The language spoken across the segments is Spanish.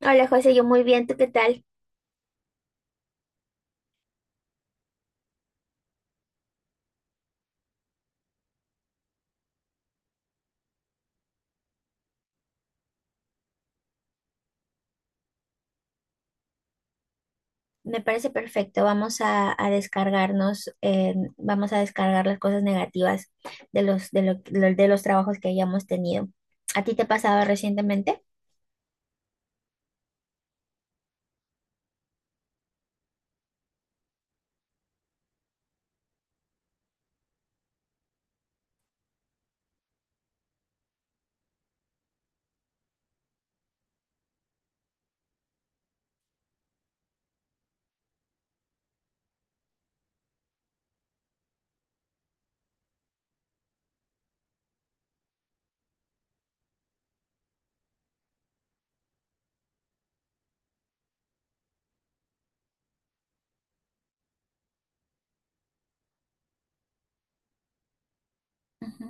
Hola José, yo muy bien, ¿tú qué tal? Me parece perfecto, vamos a descargarnos, vamos a descargar las cosas negativas de los, de lo- de los trabajos que hayamos tenido. ¿A ti te ha pasado recientemente? Ujú.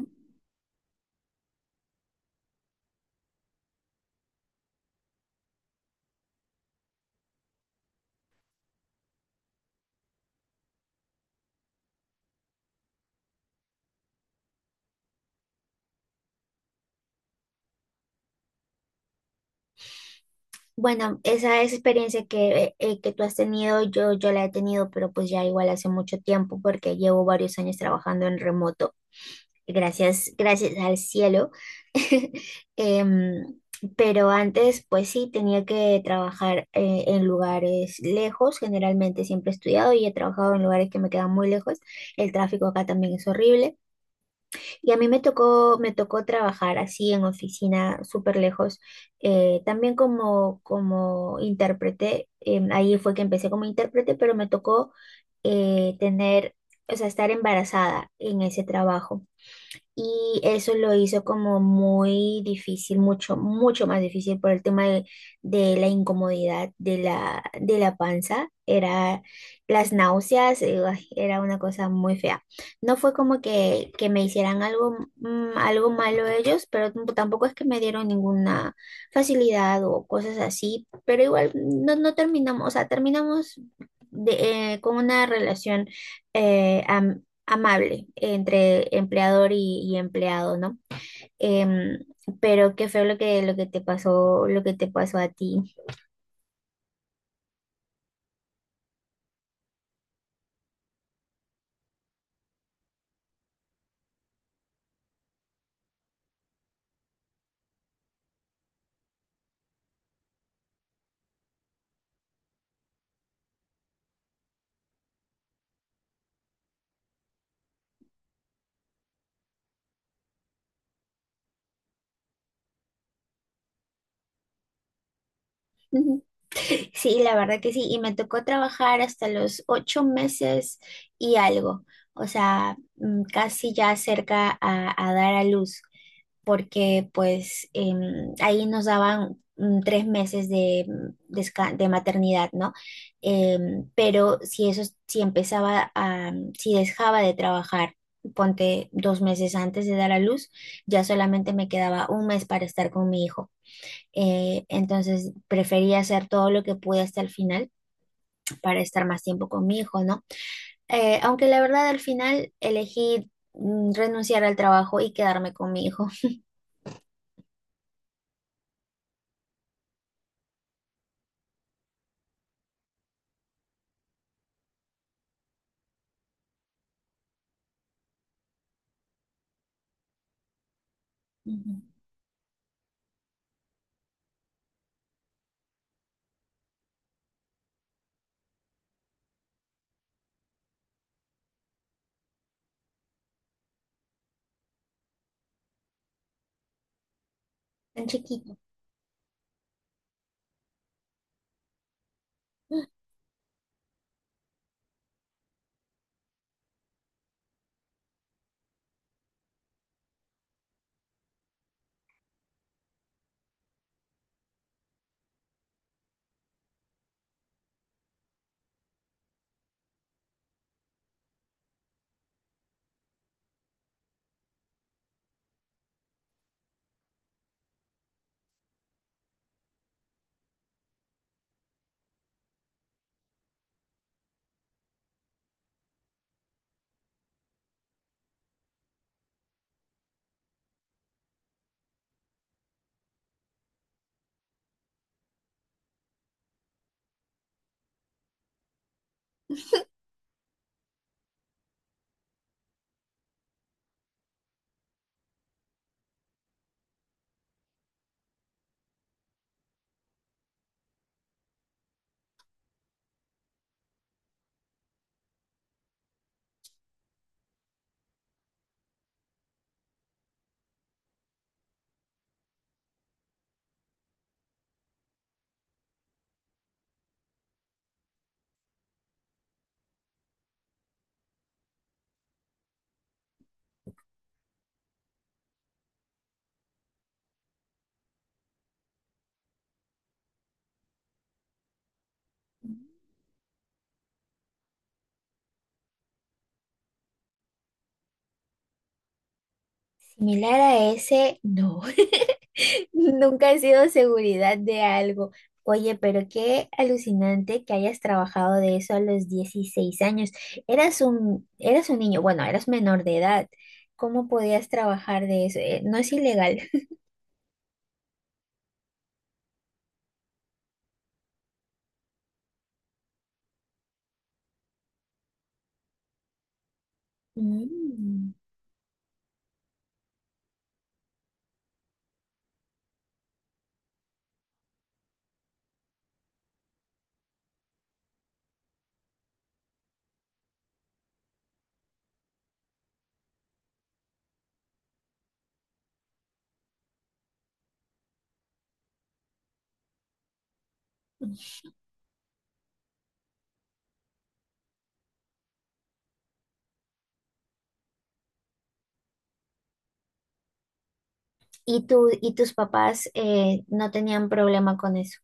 Bueno, esa experiencia que tú has tenido, yo la he tenido, pero pues ya igual hace mucho tiempo porque llevo varios años trabajando en remoto. Gracias, gracias al cielo. Em, pero antes, pues sí, tenía que trabajar en lugares lejos. Generalmente siempre he estudiado y he trabajado en lugares que me quedan muy lejos. El tráfico acá también es horrible. Y a mí me tocó trabajar así en oficina súper lejos. También como intérprete, ahí fue que empecé como intérprete, pero me tocó tener, o sea, estar embarazada en ese trabajo. Y eso lo hizo como muy difícil, mucho, mucho más difícil por el tema de la incomodidad de la panza. Era las náuseas, ay, era una cosa muy fea. No fue como que me hicieran algo, algo malo ellos, pero tampoco es que me dieron ninguna facilidad o cosas así. Pero igual no, no terminamos, o sea, terminamos con una relación amable entre empleador y empleado, ¿no? Em, pero qué feo lo que te pasó, lo que te pasó a ti. Ujú. Sí, la verdad que sí. Y me tocó trabajar hasta los 8 meses y algo. O sea, casi ya cerca a dar a luz, porque pues ahí nos daban 3 meses de maternidad, ¿no? Em, pero si eso, si empezaba a, mm, si dejaba de trabajar, ponte 2 meses antes de dar a luz, ya solamente me quedaba un mes para estar con mi hijo. Entonces preferí hacer todo lo que pude hasta el final para estar más tiempo con mi hijo, ¿no? Aunque la verdad al final elegí renunciar al trabajo y quedarme con mi hijo. Ujú. Tan chiquito. Similar a ese, no. Nunca he sido seguridad de algo. Oye, pero qué alucinante que hayas trabajado de eso a los 16 años. Eras un niño, bueno, eras menor de edad. ¿Cómo podías trabajar de eso? ¿No es ilegal? Mm. ¿Y tú, y tus papás no tenían problema con eso?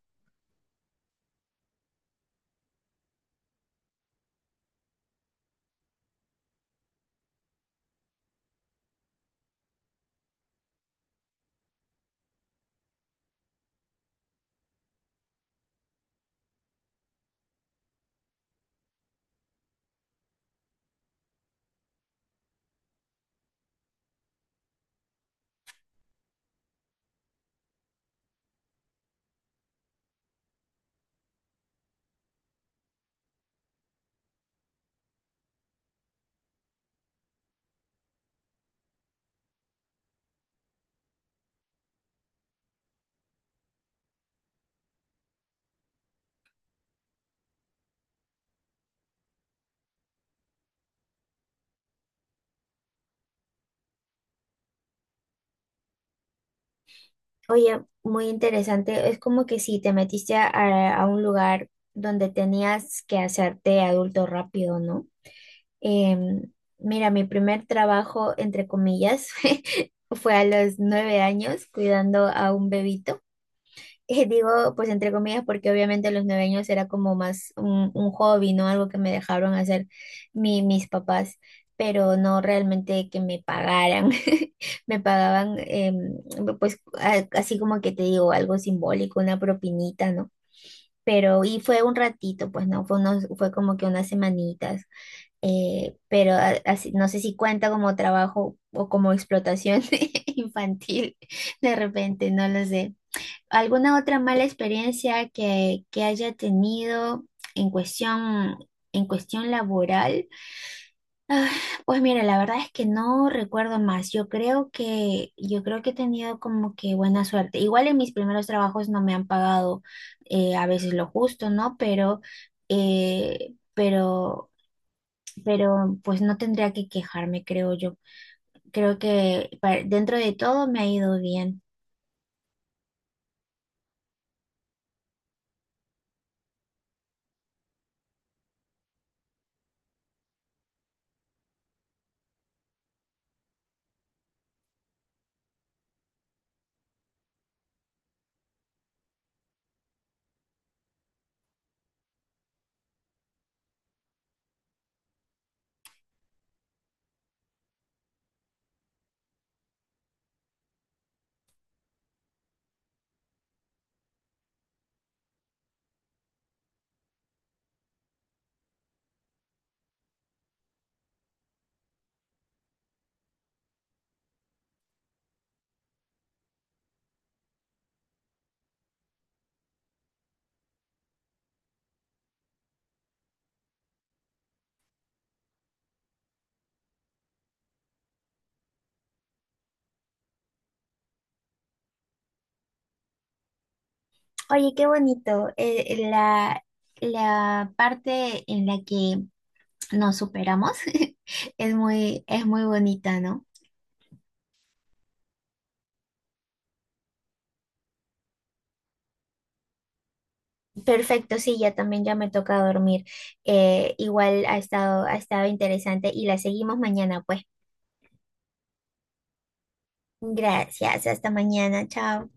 Oye, muy interesante. Es como que si te metiste a un lugar donde tenías que hacerte adulto rápido, ¿no? Em, Mira, mi primer trabajo, entre comillas, fue a los 9 años cuidando a un bebito. Digo, pues entre comillas, porque obviamente a los 9 años era como más un hobby, ¿no? Algo que me dejaron hacer mis papás, pero no realmente que me pagaran. Me pagaban, pues así como que te digo, algo simbólico, una propinita, ¿no? Pero, y fue un ratito, pues no, fue como que unas semanitas pero no sé si cuenta como trabajo o como explotación infantil, de repente, no lo sé. ¿Alguna otra mala experiencia que haya tenido en cuestión, en cuestión laboral? Pues mira, la verdad es que no recuerdo más. Yo creo que he tenido como que buena suerte. Igual en mis primeros trabajos no me han pagado a veces lo justo, ¿no? Eh, pero pues no tendría que quejarme, creo yo. Creo que dentro de todo me ha ido bien. Oye, qué bonito. La parte en la que nos superamos es muy, bonita, ¿no? Perfecto, sí, ya también ya me toca dormir. Igual ha estado interesante y la seguimos mañana, pues. Gracias, hasta mañana, chao.